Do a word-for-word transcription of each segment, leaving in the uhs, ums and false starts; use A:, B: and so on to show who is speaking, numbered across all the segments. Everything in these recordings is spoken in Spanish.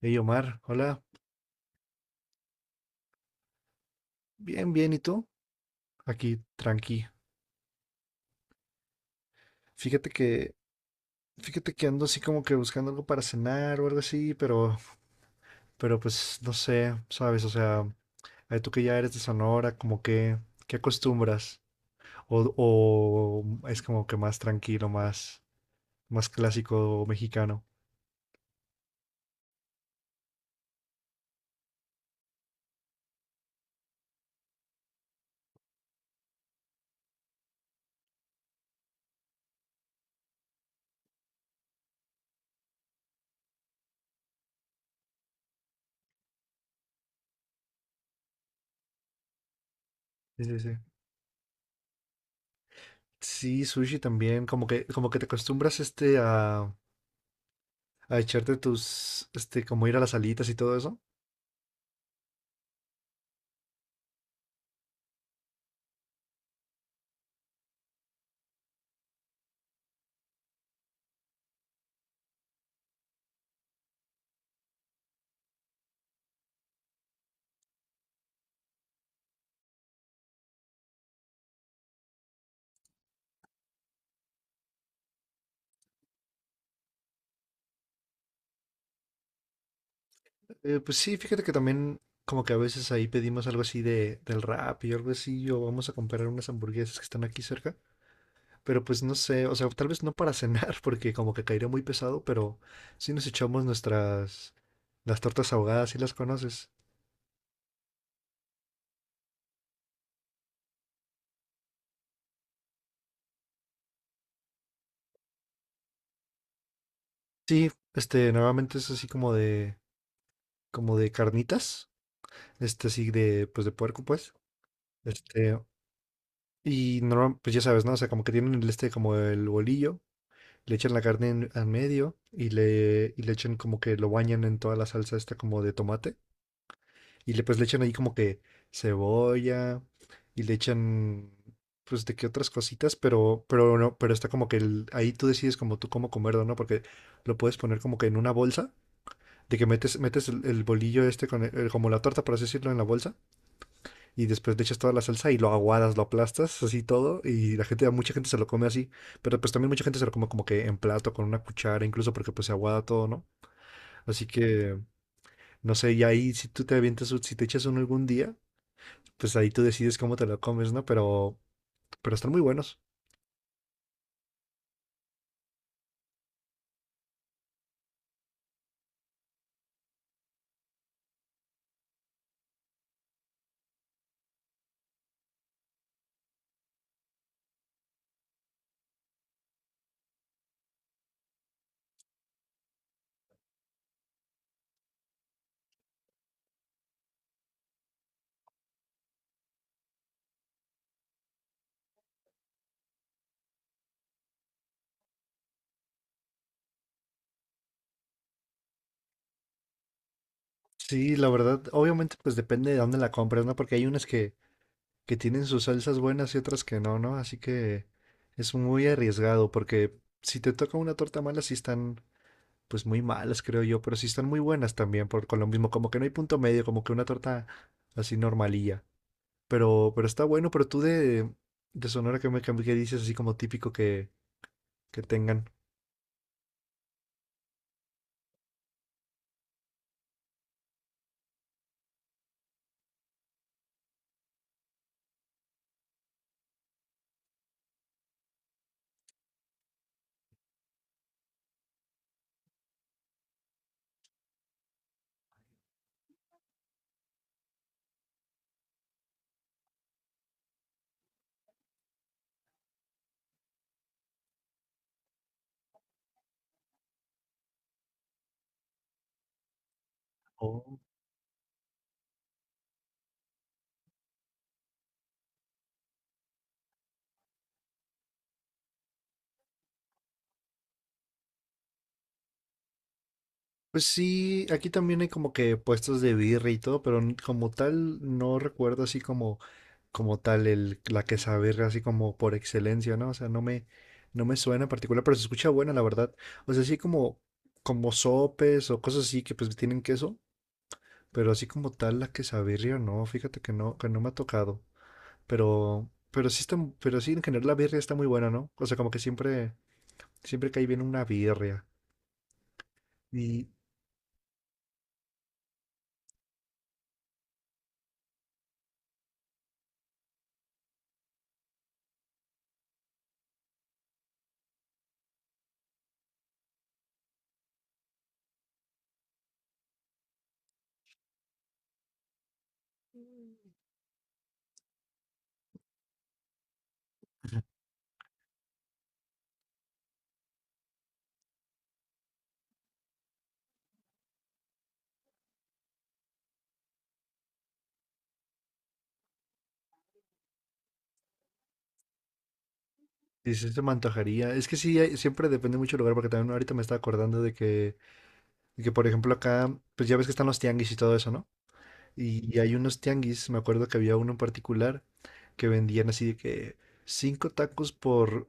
A: Hey Omar, hola, bien, bien, ¿y tú? Aquí, tranqui. Fíjate que, Fíjate que ando así como que buscando algo para cenar o algo así, pero, pero pues no sé, sabes, o sea, ay, tú que ya eres de Sonora, como que, ¿qué acostumbras? O, o es como que más tranquilo, más, más clásico mexicano. Sí, sí, sí. Sí, sushi también, como que, como que, te acostumbras este a, a echarte tus, este, como ir a las alitas y todo eso. Eh, pues sí, fíjate que también como que a veces ahí pedimos algo así de, del rap y algo así, o vamos a comprar unas hamburguesas que están aquí cerca, pero pues no sé, o sea, tal vez no para cenar, porque como que caería muy pesado, pero sí nos echamos nuestras, las tortas ahogadas, si las conoces. Sí, este, normalmente es así como de, como de, carnitas, este, así de, pues de puerco, pues, este, y normal, pues ya sabes, ¿no? O sea, como que tienen el este, como el bolillo, le echan la carne en, al medio y le, y le echan como que lo bañan en toda la salsa esta como de tomate. Y le, pues le echan ahí como que cebolla y le echan pues de qué otras cositas, pero, pero no, pero está como que el- ahí tú decides como tú cómo comerlo, ¿no? Porque lo puedes poner como que en una bolsa, de que metes, metes el, el bolillo este con el- el- como la torta, por así decirlo, en la bolsa y después le echas toda la salsa y lo aguadas, lo aplastas, así todo, y la gente, a mucha gente se lo come así, pero pues también mucha gente se lo come como que en plato, con una cuchara, incluso porque pues se aguada todo, ¿no? Así que, no sé, y ahí si tú te avientas, un- si te echas uno algún día, pues ahí tú decides cómo te lo comes, ¿no? Pero, pero están muy buenos. Sí, la verdad, obviamente pues depende de dónde la compres, ¿no? Porque hay unas que, que tienen sus salsas buenas y otras que no, ¿no? Así que es muy arriesgado porque si te toca una torta mala, sí están pues muy malas, creo yo, pero sí están muy buenas también, por, con lo mismo, como que no hay punto medio, como que una torta así normalilla. Pero, pero está bueno, pero tú de, de Sonora, ¿qué me, qué me- ¿qué dices así como típico que, que tengan? Oh. Pues sí, aquí también hay como que puestos de birria y todo, pero n- como tal no recuerdo así como, como tal el, la quesabirria así como por excelencia, ¿no? O sea, no me, no me suena en particular, pero se escucha buena, la verdad. O sea, así como, como sopes o cosas así que pues tienen queso. Pero así como tal, la quesabirria, no, fíjate que no, que no me ha tocado. Pero, pero sí está, pero sí en general la birria está muy buena, ¿no? O sea, como que siempre, siempre cae bien una birria. Y, y sí se me antojaría. Es que sí, hay- siempre depende mucho del lugar, porque también ahorita me estaba acordando de que, de que, por ejemplo, acá, pues ya ves que están los tianguis y todo eso, ¿no? Y, y hay unos tianguis, me acuerdo que había uno en particular que vendían así de que cinco tacos por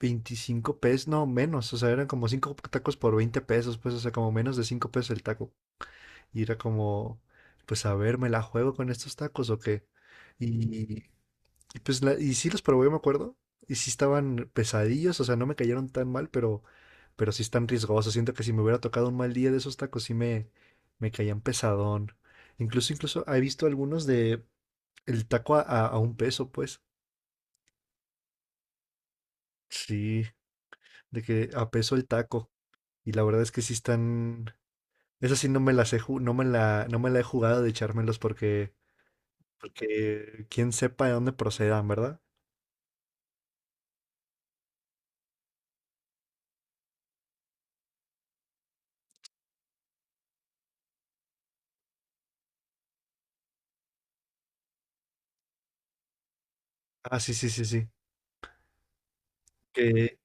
A: veinticinco pesos, no, menos, o sea, eran como cinco tacos por veinte pesos, pues, o sea, como menos de cinco pesos el taco. Y era como, pues, a ver, ¿me la juego con estos tacos o qué? Y, y pues, la- y sí los probé, me acuerdo, y sí estaban pesadillos, o sea, no me cayeron tan mal, pero, pero, sí están riesgosos. Siento que si me hubiera tocado un mal día de esos tacos, sí me, me caían pesadón. Incluso, incluso he visto algunos de el taco a, a, a un peso, pues. Sí de que a peso el taco. Y la verdad es que sí están. Esa sí no me las he ju- no me la, no me la he jugado de echármelos porque, porque quién sepa de dónde procedan, ¿verdad? Ah, sí, sí, sí, sí. Que,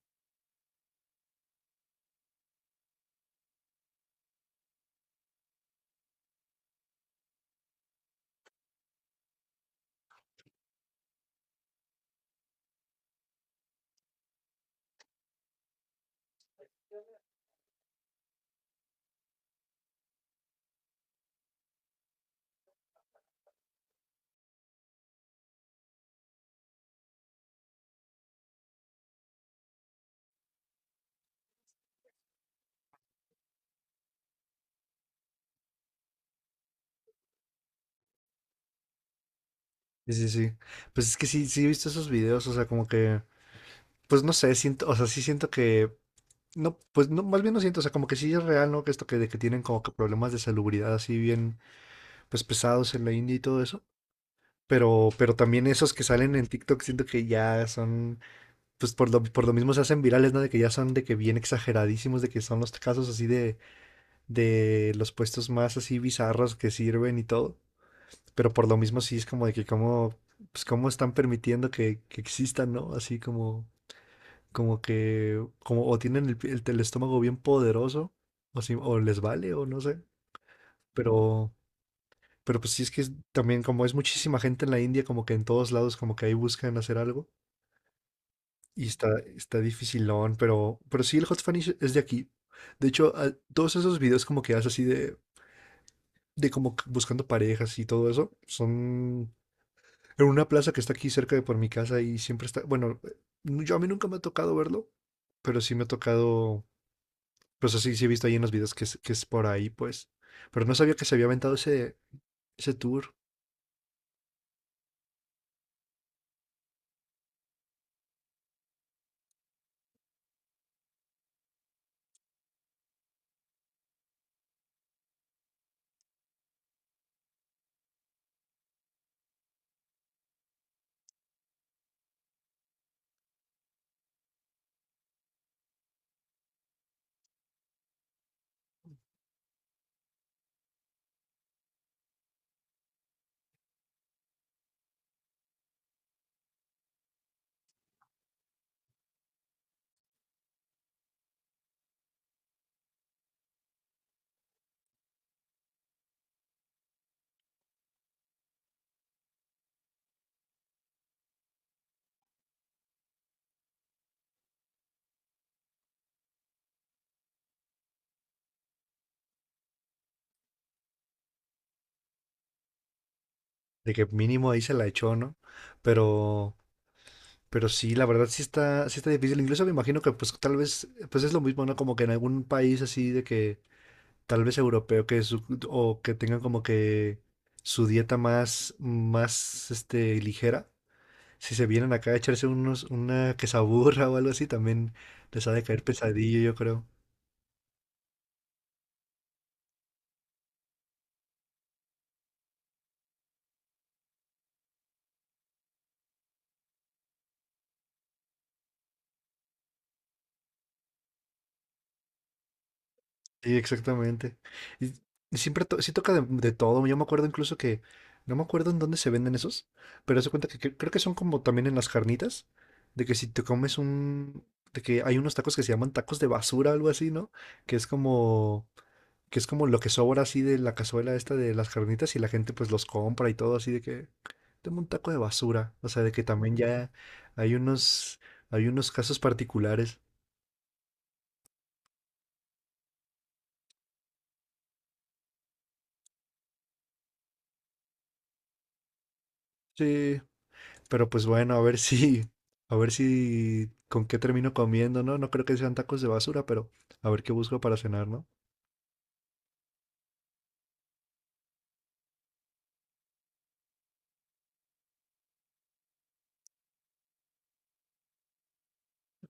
A: sí, sí, sí. Pues es que sí, sí he visto esos videos, o sea, como que, pues no sé, siento, o sea, sí siento que, no, pues no, más bien no siento, o sea, como que sí es real, ¿no? Que esto que, de que tienen como que problemas de salubridad así bien, pues pesados en la India y todo eso. Pero, pero también esos que salen en TikTok siento que ya son pues por lo, por lo mismo se hacen virales, ¿no? De que ya son de que bien exageradísimos, de que son los casos así de, de los puestos más así bizarros que sirven y todo. Pero por lo mismo sí es como de que cómo, pues cómo están permitiendo que, que existan, ¿no? Así como, como que, como o tienen el, pi- el, el estómago bien poderoso, o, si- o les vale, o no sé. Pero, pero, pues sí es que es- también como es muchísima gente en la India, como que en todos lados como que ahí buscan hacer algo. Y está, está dificilón, pero, pero, sí, el Hot Spanish es de aquí. De hecho, a- todos esos videos como que haces así de, de como que buscando parejas y todo eso, son en una plaza que está aquí cerca de por mi casa y siempre está, bueno, eh, yo a mí nunca me ha tocado verlo, pero sí me ha tocado, pues así sí he visto ahí en los videos que es, que es por ahí, pues. Pero no sabía que se había aventado ese, ese tour, de que mínimo ahí se la echó, ¿no? Pero... Pero sí, la verdad sí está, sí está difícil. Incluso me imagino que pues tal vez, pues es lo mismo, ¿no? Como que en algún país así de que tal vez europeo que su- o que tengan como que su dieta más, más este, ligera. Si se vienen acá a echarse unos, una quesaburra o algo así, también les ha de caer pesadillo, yo creo. Sí, exactamente. Y, y siempre to- sí toca de, de todo. Yo me acuerdo incluso que, no me acuerdo en dónde se venden esos, pero se cuenta que, cre- creo que son como también en las carnitas, de que si te comes un, de que hay unos tacos que se llaman tacos de basura, algo así, ¿no? Que es como, que es como lo que sobra así de la cazuela esta de las carnitas y la gente pues los compra y todo así de que, tengo un taco de basura. O sea, de que también ya hay unos, hay unos casos particulares. Sí, pero pues bueno, a ver si, a ver si, con qué termino comiendo, ¿no? No creo que sean tacos de basura, pero a ver qué busco para cenar, ¿no?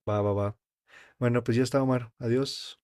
A: Va, va, va. Bueno, pues ya está, Omar. Adiós.